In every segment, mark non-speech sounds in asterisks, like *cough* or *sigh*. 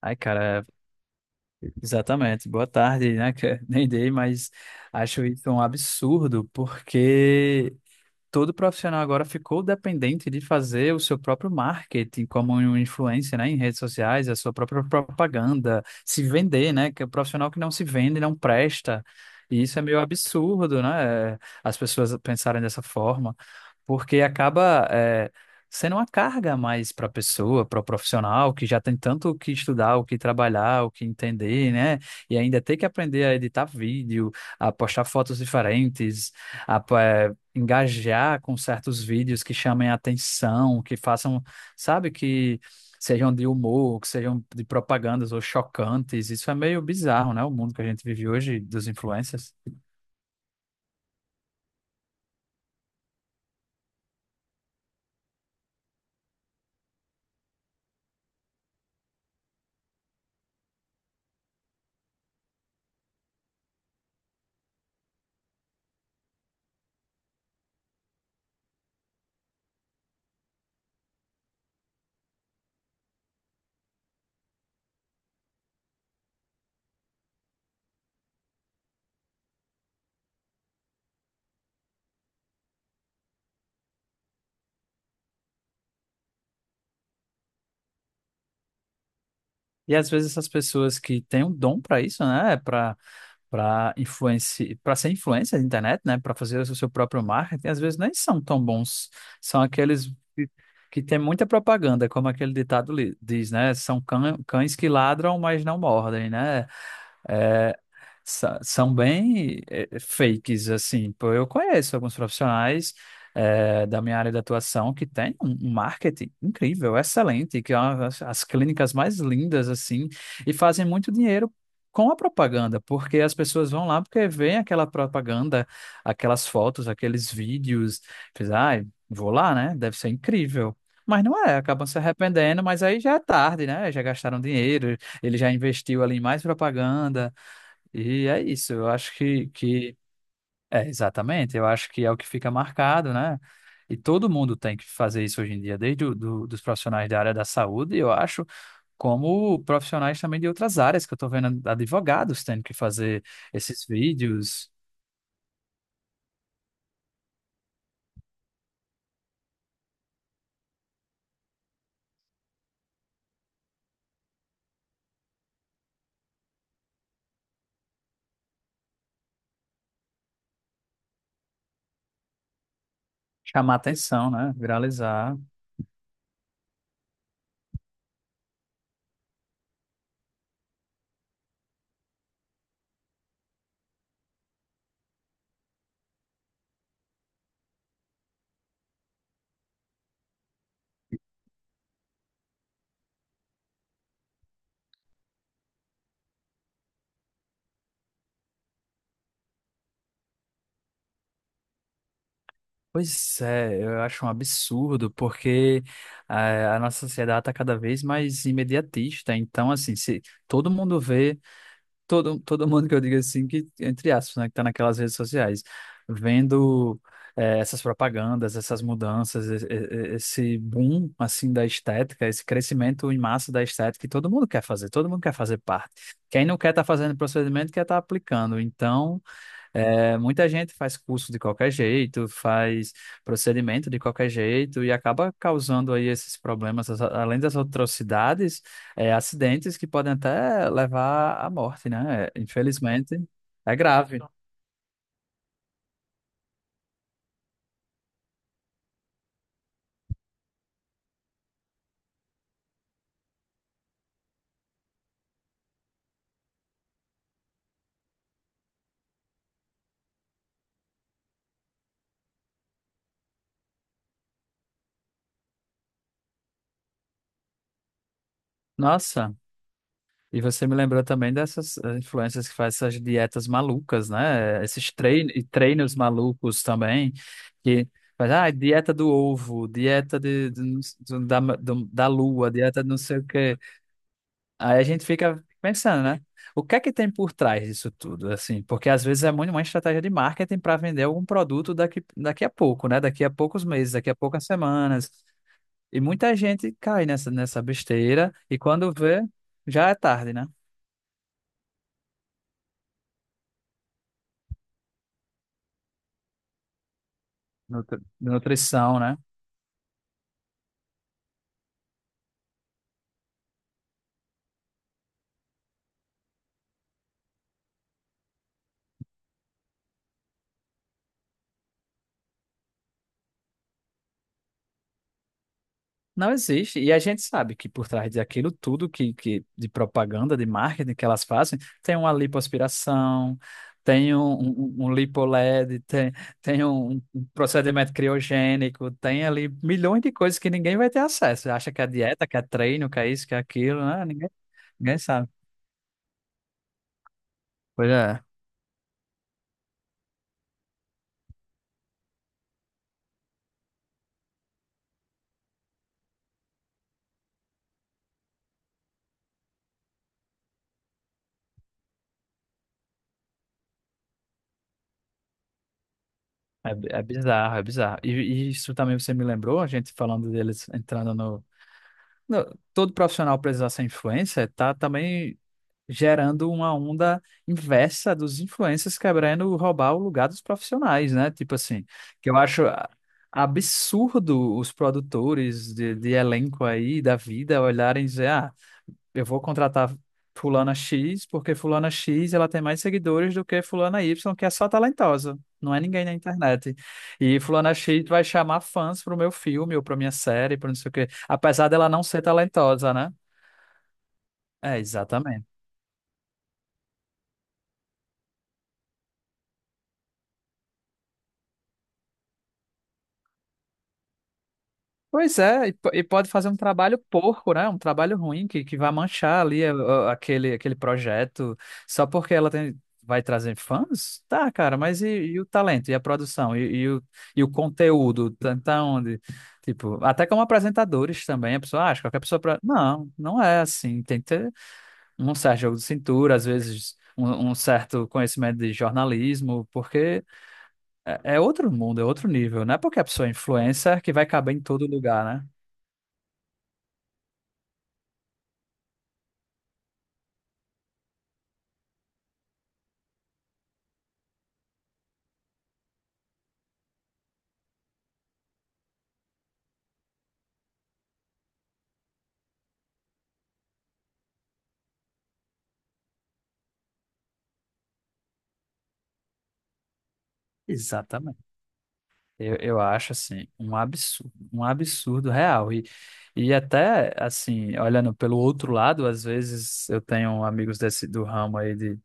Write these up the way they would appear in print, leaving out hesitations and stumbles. Ai, cara, exatamente. Boa tarde, né? que *laughs* Nem dei, mas acho isso um absurdo, porque todo profissional agora ficou dependente de fazer o seu próprio marketing como um influencer, né? Em redes sociais, a sua própria propaganda, se vender, né? Que o profissional que não se vende não presta. E isso é meio absurdo, né? As pessoas pensarem dessa forma porque acaba sendo uma carga a mais para a pessoa, para o profissional, que já tem tanto o que estudar, o que trabalhar, o que entender, né? E ainda tem que aprender a editar vídeo, a postar fotos diferentes, a engajar com certos vídeos que chamem a atenção, que façam, sabe, que sejam de humor, que sejam de propagandas ou chocantes. Isso é meio bizarro, né? O mundo que a gente vive hoje dos influencers. E às vezes essas pessoas que têm um dom para isso, né? Para ser influencer da internet, né, para fazer o seu próprio marketing, às vezes nem são tão bons. São aqueles que, que têm muita propaganda, como aquele diz, né? São cães que ladram, mas não mordem, né? é, São bem fakes, assim. Pô, eu conheço alguns profissionais da minha área de atuação que tem um marketing incrível, excelente, que é as, as clínicas mais lindas, assim, e fazem muito dinheiro com a propaganda, porque as pessoas vão lá porque veem aquela propaganda, aquelas fotos, aqueles vídeos, diz, ai, vou lá, né? Deve ser incrível. Mas não é, acabam se arrependendo, mas aí já é tarde, né? Já gastaram dinheiro, ele já investiu ali em mais propaganda, e é isso. Eu acho que é exatamente, eu acho que é o que fica marcado, né? E todo mundo tem que fazer isso hoje em dia, desde dos profissionais da área da saúde, eu acho, como profissionais também de outras áreas, que eu estou vendo advogados tendo que fazer esses vídeos, chamar atenção, né? Viralizar. Pois é, eu acho um absurdo, porque a nossa sociedade está cada vez mais imediatista. Então, assim, se todo mundo vê. Todo mundo que eu digo assim, que, entre aspas, né, que tá naquelas redes sociais, vendo essas propagandas, essas mudanças, esse boom, assim, da estética, esse crescimento em massa da estética que todo mundo quer fazer, todo mundo quer fazer parte. Quem não quer estar fazendo procedimento, quer estar aplicando. Então, é, muita gente faz curso de qualquer jeito, faz procedimento de qualquer jeito e acaba causando aí esses problemas, além das atrocidades, é, acidentes que podem até levar à morte, né? É, infelizmente, é grave. Nossa, e você me lembrou também dessas influencers que fazem essas dietas malucas, né? Esses treinos malucos também, que faz, ah, dieta do ovo, dieta de- do- da, do- da lua, dieta de não sei o quê. Aí a gente fica pensando, né? O que é que tem por trás disso tudo, assim? Porque às vezes é muito uma estratégia de marketing para vender algum produto daqui, daqui a pouco, né? Daqui a poucos meses, daqui a poucas semanas. E muita gente cai nessa besteira e quando vê, já é tarde, né? Nutrição, né? Não existe. E a gente sabe que por trás daquilo tudo que de propaganda, de marketing que elas fazem, tem uma lipoaspiração, tem um lipoled, tem, tem um procedimento criogênico, tem ali milhões de coisas que ninguém vai ter acesso. Acha que é dieta, que é treino, que é isso, que é aquilo, né? Ninguém sabe. Pois é. É bizarro, é bizarro. E isso também você me lembrou, a gente falando deles entrando no. Todo profissional precisa ser influencer, tá também gerando uma onda inversa dos influencers quebrando roubar o lugar dos profissionais, né? Tipo assim, que eu acho absurdo os produtores de elenco aí da vida olharem e dizer, ah, eu vou contratar fulana X porque fulana X ela tem mais seguidores do que fulana Y, que é só talentosa. Não é ninguém na internet. E fulana X vai chamar fãs pro meu filme ou pra minha série, para não sei o quê, apesar dela não ser talentosa, né? É, exatamente. Pois é, e pode fazer um trabalho porco, né? Um trabalho ruim que vai manchar ali aquele projeto só porque ela tem, vai trazer fãs? Tá, cara, mas e o talento, e a produção, e e o conteúdo? Tá onde? Tipo, até como apresentadores também, a pessoa acha, qualquer pessoa. Pra... Não, não é assim. Tem que ter um certo jogo de cintura, às vezes um certo conhecimento de jornalismo, porque é, é outro mundo, é outro nível. Não é porque a pessoa é influencer que vai caber em todo lugar, né? Exatamente. Eu acho assim um absurdo real. E até assim, olhando pelo outro lado, às vezes eu tenho amigos desse do ramo aí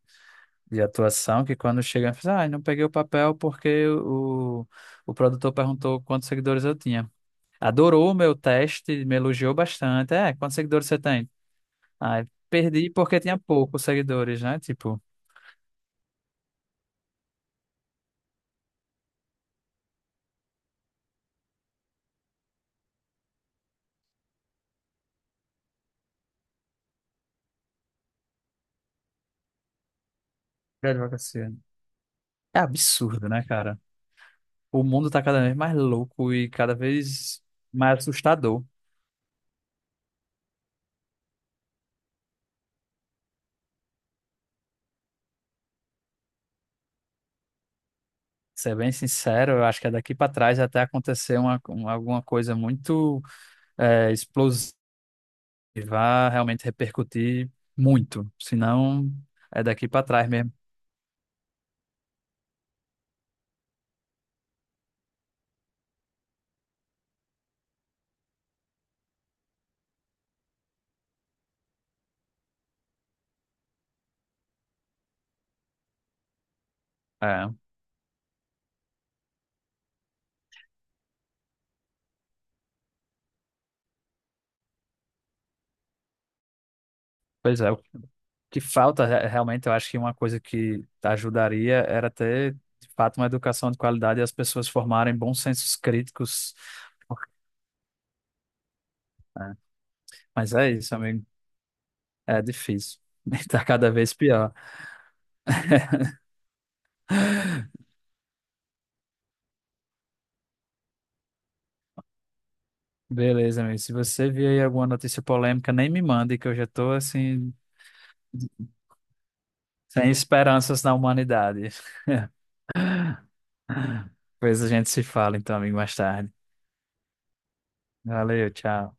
de atuação que quando chegam, falam, ah, eu não peguei o papel porque o produtor perguntou quantos seguidores eu tinha. Adorou o meu teste, me elogiou bastante. É, quantos seguidores você tem? Ah, perdi porque tinha poucos seguidores, né? Tipo, grande advocacia. É absurdo, né, cara? O mundo tá cada vez mais louco e cada vez mais assustador. Ser bem sincero, eu acho que é daqui para trás até acontecer alguma coisa muito explosiva, vai realmente repercutir muito. Senão, é daqui para trás mesmo. É, pois é, o que falta realmente, eu acho que uma coisa que ajudaria era ter, de fato, uma educação de qualidade e as pessoas formarem bons sensos críticos. É, mas é isso, amigo. É difícil. *laughs* Está cada vez pior. Beleza, amigo. Se você vir aí alguma notícia polêmica, nem me mande, que eu já tô assim, sem esperanças na humanidade. *laughs* Pois a gente se fala então, amigo, mais tarde. Valeu, tchau.